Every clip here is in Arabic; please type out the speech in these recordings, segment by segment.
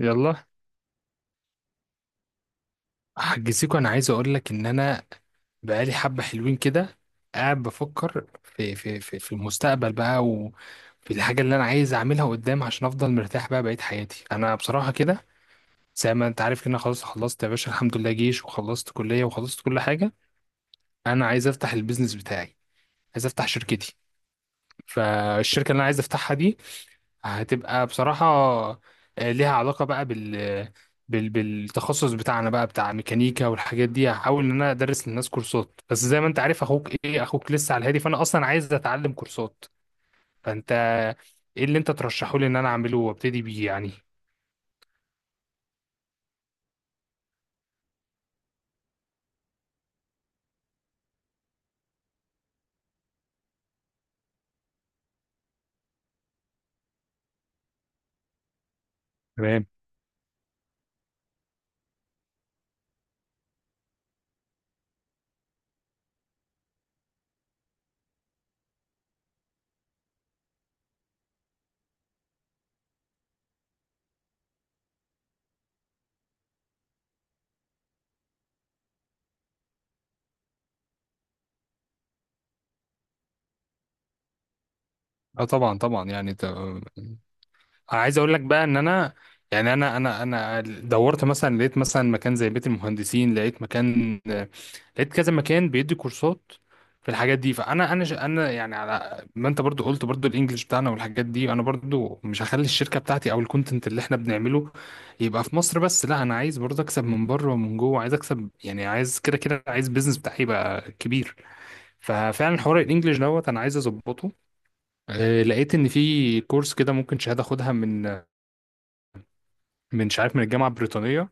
يلا، حجزيكوا انا عايز اقول لك ان انا بقالي حبه حلوين كده قاعد بفكر في المستقبل بقى وفي الحاجه اللي انا عايز اعملها قدام عشان افضل مرتاح بقى بقيت حياتي انا بصراحه كده. زي ما انت عارف كده أنا خلاص خلصت يا باشا، الحمد لله جيش وخلصت كليه وخلصت كل حاجه. انا عايز افتح البيزنس بتاعي، عايز افتح شركتي. فالشركه اللي انا عايز افتحها دي هتبقى بصراحة ليها علاقة بقى بالتخصص بتاعنا بقى، بتاع ميكانيكا والحاجات دي. هحاول ان انا ادرس للناس كورسات، بس زي ما انت عارف اخوك ايه، اخوك لسه على الهادي، فانا اصلا عايز اتعلم كورسات. فانت ايه اللي انت ترشحه لي ان انا اعمله وابتدي بيه يعني؟ تمام. اه، طبعا طبعا. يعني انت عايز اقول لك بقى ان انا، يعني انا دورت مثلا، لقيت مثلا مكان زي بيت المهندسين، لقيت مكان، لقيت كذا مكان بيدي كورسات في الحاجات دي. فانا انا ش- انا يعني، على ما انت برضو قلت، برضو الانجليش بتاعنا والحاجات دي، انا برضو مش هخلي الشركه بتاعتي او الكونتنت اللي احنا بنعمله يبقى في مصر بس، لا انا عايز برضو اكسب من بره ومن جوه، عايز اكسب يعني، عايز كده كده، عايز بيزنس بتاعي يبقى كبير. ففعلا حوار الانجليش دوت انا عايز اظبطه. لقيت ان في كورس كده ممكن شهاده اخدها من مش عارف من الجامعة البريطانية.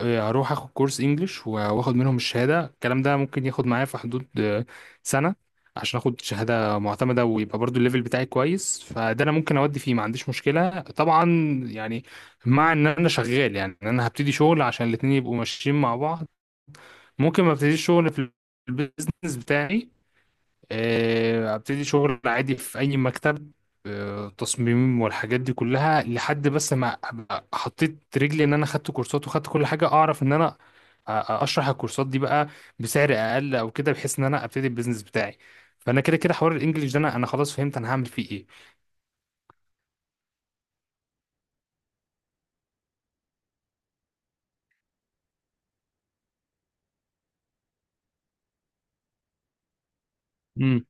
هروح اخد كورس انجليش واخد منهم الشهادة. الكلام ده ممكن ياخد معايا في حدود سنة، عشان اخد شهادة معتمدة ويبقى برضو الليفل بتاعي كويس، فده انا ممكن اودي فيه، ما عنديش مشكلة طبعا. يعني مع ان انا شغال، يعني إن انا هبتدي شغل عشان الاتنين يبقوا ماشيين مع بعض. ممكن ما ابتديش شغل في البيزنس بتاعي، ابتدي شغل عادي في اي مكتب، تصميم والحاجات دي كلها، لحد بس ما ابقى حطيت رجلي ان انا خدت كورسات وخدت كل حاجه، اعرف ان انا اشرح الكورسات دي بقى بسعر اقل او كده، بحيث ان انا ابتدي البيزنس بتاعي. فانا كده كده حوار الانجليش ده انا خلاص فهمت انا هعمل فيه ايه. امم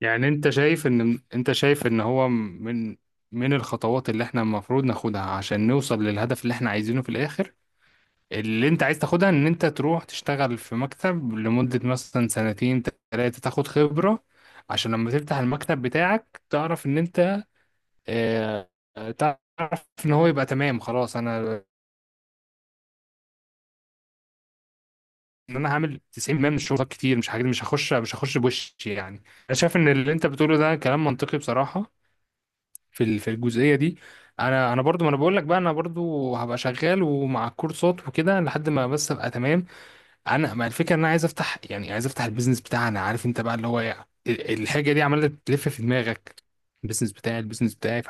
يعني انت شايف ان هو من الخطوات اللي احنا المفروض ناخدها عشان نوصل للهدف اللي احنا عايزينه في الاخر، اللي انت عايز تاخدها ان انت تروح تشتغل في مكتب لمدة مثلا سنتين تلاتة تاخد خبرة، عشان لما تفتح المكتب بتاعك تعرف ان انت، اه، تعرف ان هو يبقى تمام، خلاص. ان انا هعمل 90% من الشغل، كتير مش حاجات، مش هخش بوشي يعني. انا شايف ان اللي انت بتقوله ده كلام منطقي بصراحة، في الجزئية دي. انا برضو، ما انا بقول لك بقى، انا برضو هبقى شغال ومع الكورسات وكده لحد ما بس ابقى تمام. انا ما الفكره ان انا عايز افتح، يعني عايز افتح البيزنس بتاعنا، عارف انت بقى اللي هو ايه الحاجه دي عماله تلف في دماغك. البيزنس بتاعي،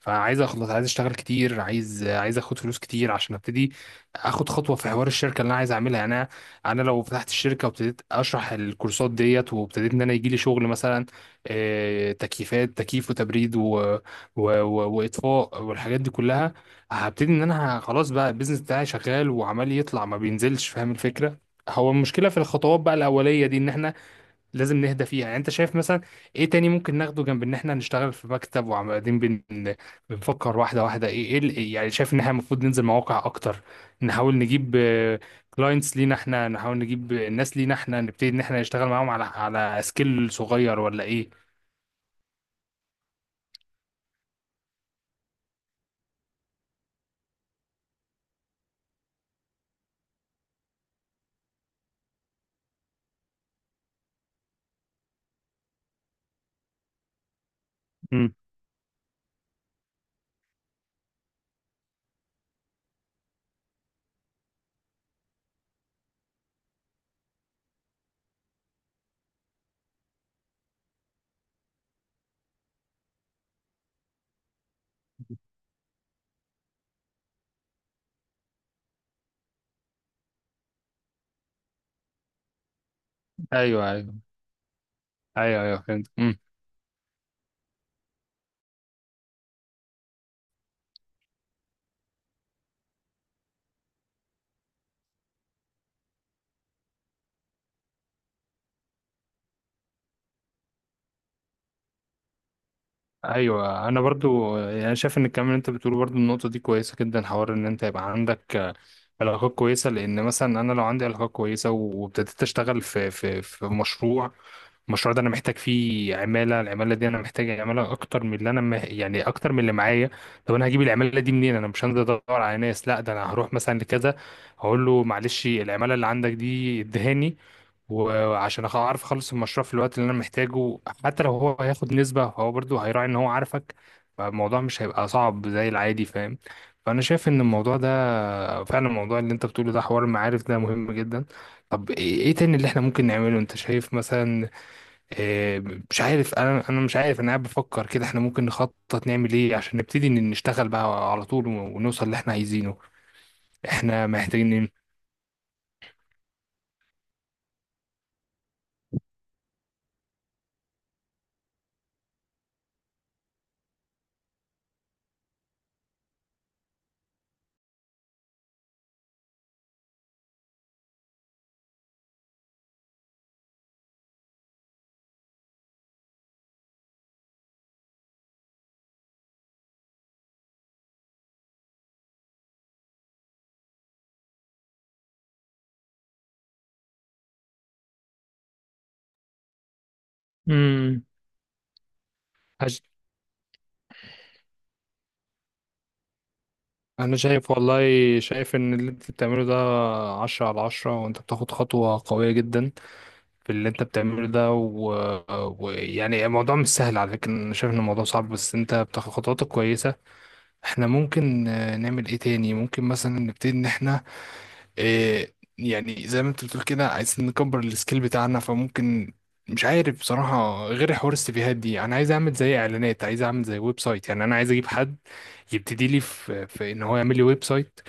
فعايز اخلص، عايز اشتغل كتير، عايز اخد فلوس كتير عشان ابتدي اخد خطوه في حوار الشركه اللي انا عايز اعملها. يعني انا، أنا لو فتحت الشركه وابتديت اشرح الكورسات ديت وابتديت ان انا يجي لي شغل مثلا، تكييفات، تكييف وتبريد واطفاء والحاجات دي كلها، هبتدي ان انا خلاص بقى البيزنس بتاعي شغال وعمال يطلع ما بينزلش. فاهم الفكره؟ هو المشكلة في الخطوات بقى الأولية دي إن إحنا لازم نهدى فيها. يعني أنت شايف مثلا إيه تاني ممكن ناخده جنب إن إحنا نشتغل في مكتب وبعدين بنفكر واحدة واحدة؟ إيه يعني، شايف إن إحنا المفروض ننزل مواقع أكتر، نحاول نجيب كلاينتس لينا إحنا، نحاول نجيب ناس لينا إحنا، نبتدي إن إحنا نشتغل معاهم على سكيل صغير ولا إيه؟ مم. أيوه، أيوه، أيوه، أيوه، فهمت. ايوه، انا برضو يعني شايف ان الكلام اللي انت بتقوله برضو، النقطه دي كويسه جدا، حوار ان انت يبقى عندك علاقات كويسه. لان مثلا انا لو عندي علاقات كويسه وابتديت اشتغل في مشروع، المشروع ده انا محتاج فيه عماله، العماله دي انا محتاج عماله اكتر من اللي انا يعني اكتر من اللي معايا. طب انا هجيب العماله دي منين؟ انا مش هنزل ادور على ناس، لا ده انا هروح مثلا لكذا، هقول له معلش العماله اللي عندك دي ادهاني، وعشان اعرف اخلص المشروع في الوقت اللي انا محتاجه. حتى لو هو هياخد نسبه، هو برضو هيراعي ان هو عارفك، فالموضوع مش هيبقى صعب زي العادي، فاهم؟ فانا شايف ان الموضوع ده، فعلا الموضوع اللي انت بتقوله ده حوار المعارف ده مهم جدا. طب إيه تاني اللي احنا ممكن نعمله؟ انت شايف مثلا، آه، مش عارف، انا مش عارف انا قاعد بفكر كده احنا ممكن نخطط نعمل ايه عشان نبتدي إن نشتغل بقى على طول، ونوصل اللي احنا عايزينه. احنا محتاجين ايه؟ امم عش- انا شايف والله، شايف ان اللي انت بتعمله ده عشرة على عشرة، وانت بتاخد خطوة قوية جدا في اللي انت بتعمله ده، ويعني يعني الموضوع مش سهل على فكرة، انا شايف ان الموضوع صعب بس انت بتاخد خطوات كويسة. احنا ممكن نعمل ايه تاني؟ ممكن مثلا نبتدي ان احنا إيه، يعني زي ما انت بتقول كده عايزين نكبر السكيل بتاعنا، فممكن مش عارف بصراحة غير حوار السيفيهات دي. انا عايز اعمل زي اعلانات، عايز اعمل زي ويب سايت، يعني انا عايز اجيب حد يبتدي لي في ان هو يعمل لي ويب سايت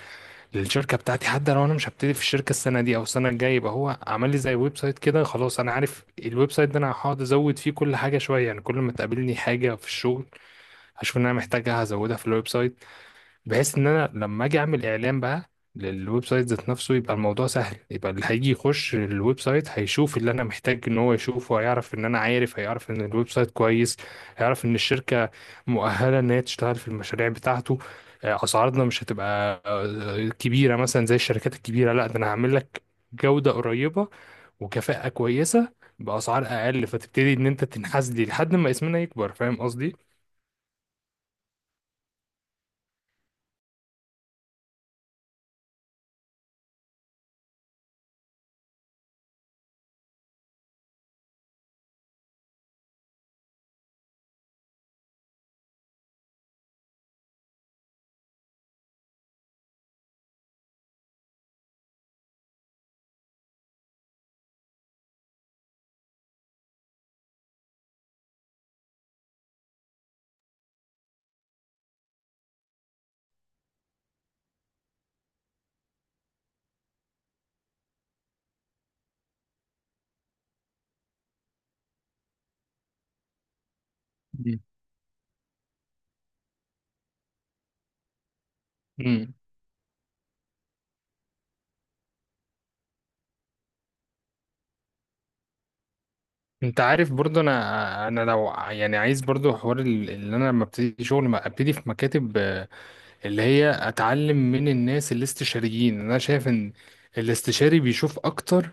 للشركة بتاعتي. حتى لو انا مش هبتدي في الشركة السنة دي او السنة الجاية، يبقى هو عمل لي زي ويب سايت كده، خلاص انا عارف الويب سايت ده انا هقعد ازود فيه كل حاجة شوية، يعني كل ما تقابلني حاجة في الشغل هشوف ان انا محتاجها هزودها في الويب سايت، بحيث ان انا لما اجي اعمل اعلان بقى للويب سايت ذات نفسه يبقى الموضوع سهل، يبقى اللي هيجي يخش الويب سايت هيشوف اللي انا محتاج ان هو يشوفه، هيعرف ان انا عارف، هيعرف ان الويب سايت كويس، هيعرف ان الشركة مؤهلة ان هي تشتغل في المشاريع بتاعته. اسعارنا مش هتبقى كبيرة مثلا زي الشركات الكبيرة، لا ده انا هعمل لك جودة قريبة وكفاءة كويسة بأسعار اقل، فتبتدي ان انت تنحاز لي لحد ما اسمنا يكبر. فاهم قصدي؟ مم. مم. انت عارف برضو، انا لو يعني عايز برضو حوار اللي انا لما ابتدي شغل ما ابتدي في مكاتب، اللي هي اتعلم من الناس الاستشاريين. انا شايف ان الاستشاري بيشوف اكتر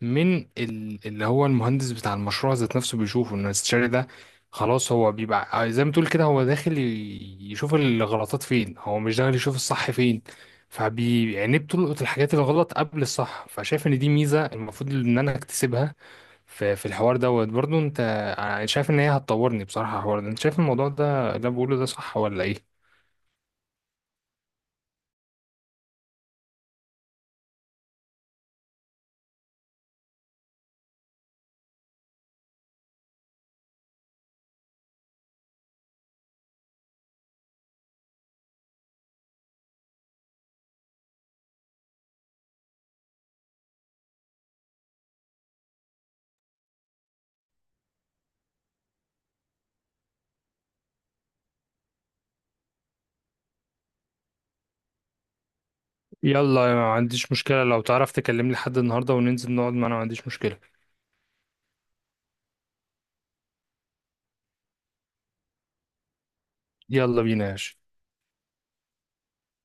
من اللي هو المهندس بتاع المشروع ذات نفسه، بيشوفه ان الاستشاري ده خلاص، هو بيبقى زي ما تقول كده هو داخل يشوف الغلطات فين، هو مش داخل يشوف الصح فين، فبيعني بتلقط الحاجات الغلط قبل الصح. فشايف ان دي ميزة المفروض ان انا اكتسبها في الحوار دوت. برضو انت شايف ان هي هتطورني بصراحة الحوار ده؟ انت شايف الموضوع ده اللي أنا بقوله ده صح ولا ايه؟ يلا، ما عنديش مشكلة. لو تعرف تكلمني لحد النهاردة وننزل نقعد، ما انا ما عنديش مشكلة. يلا بينا يا باشا.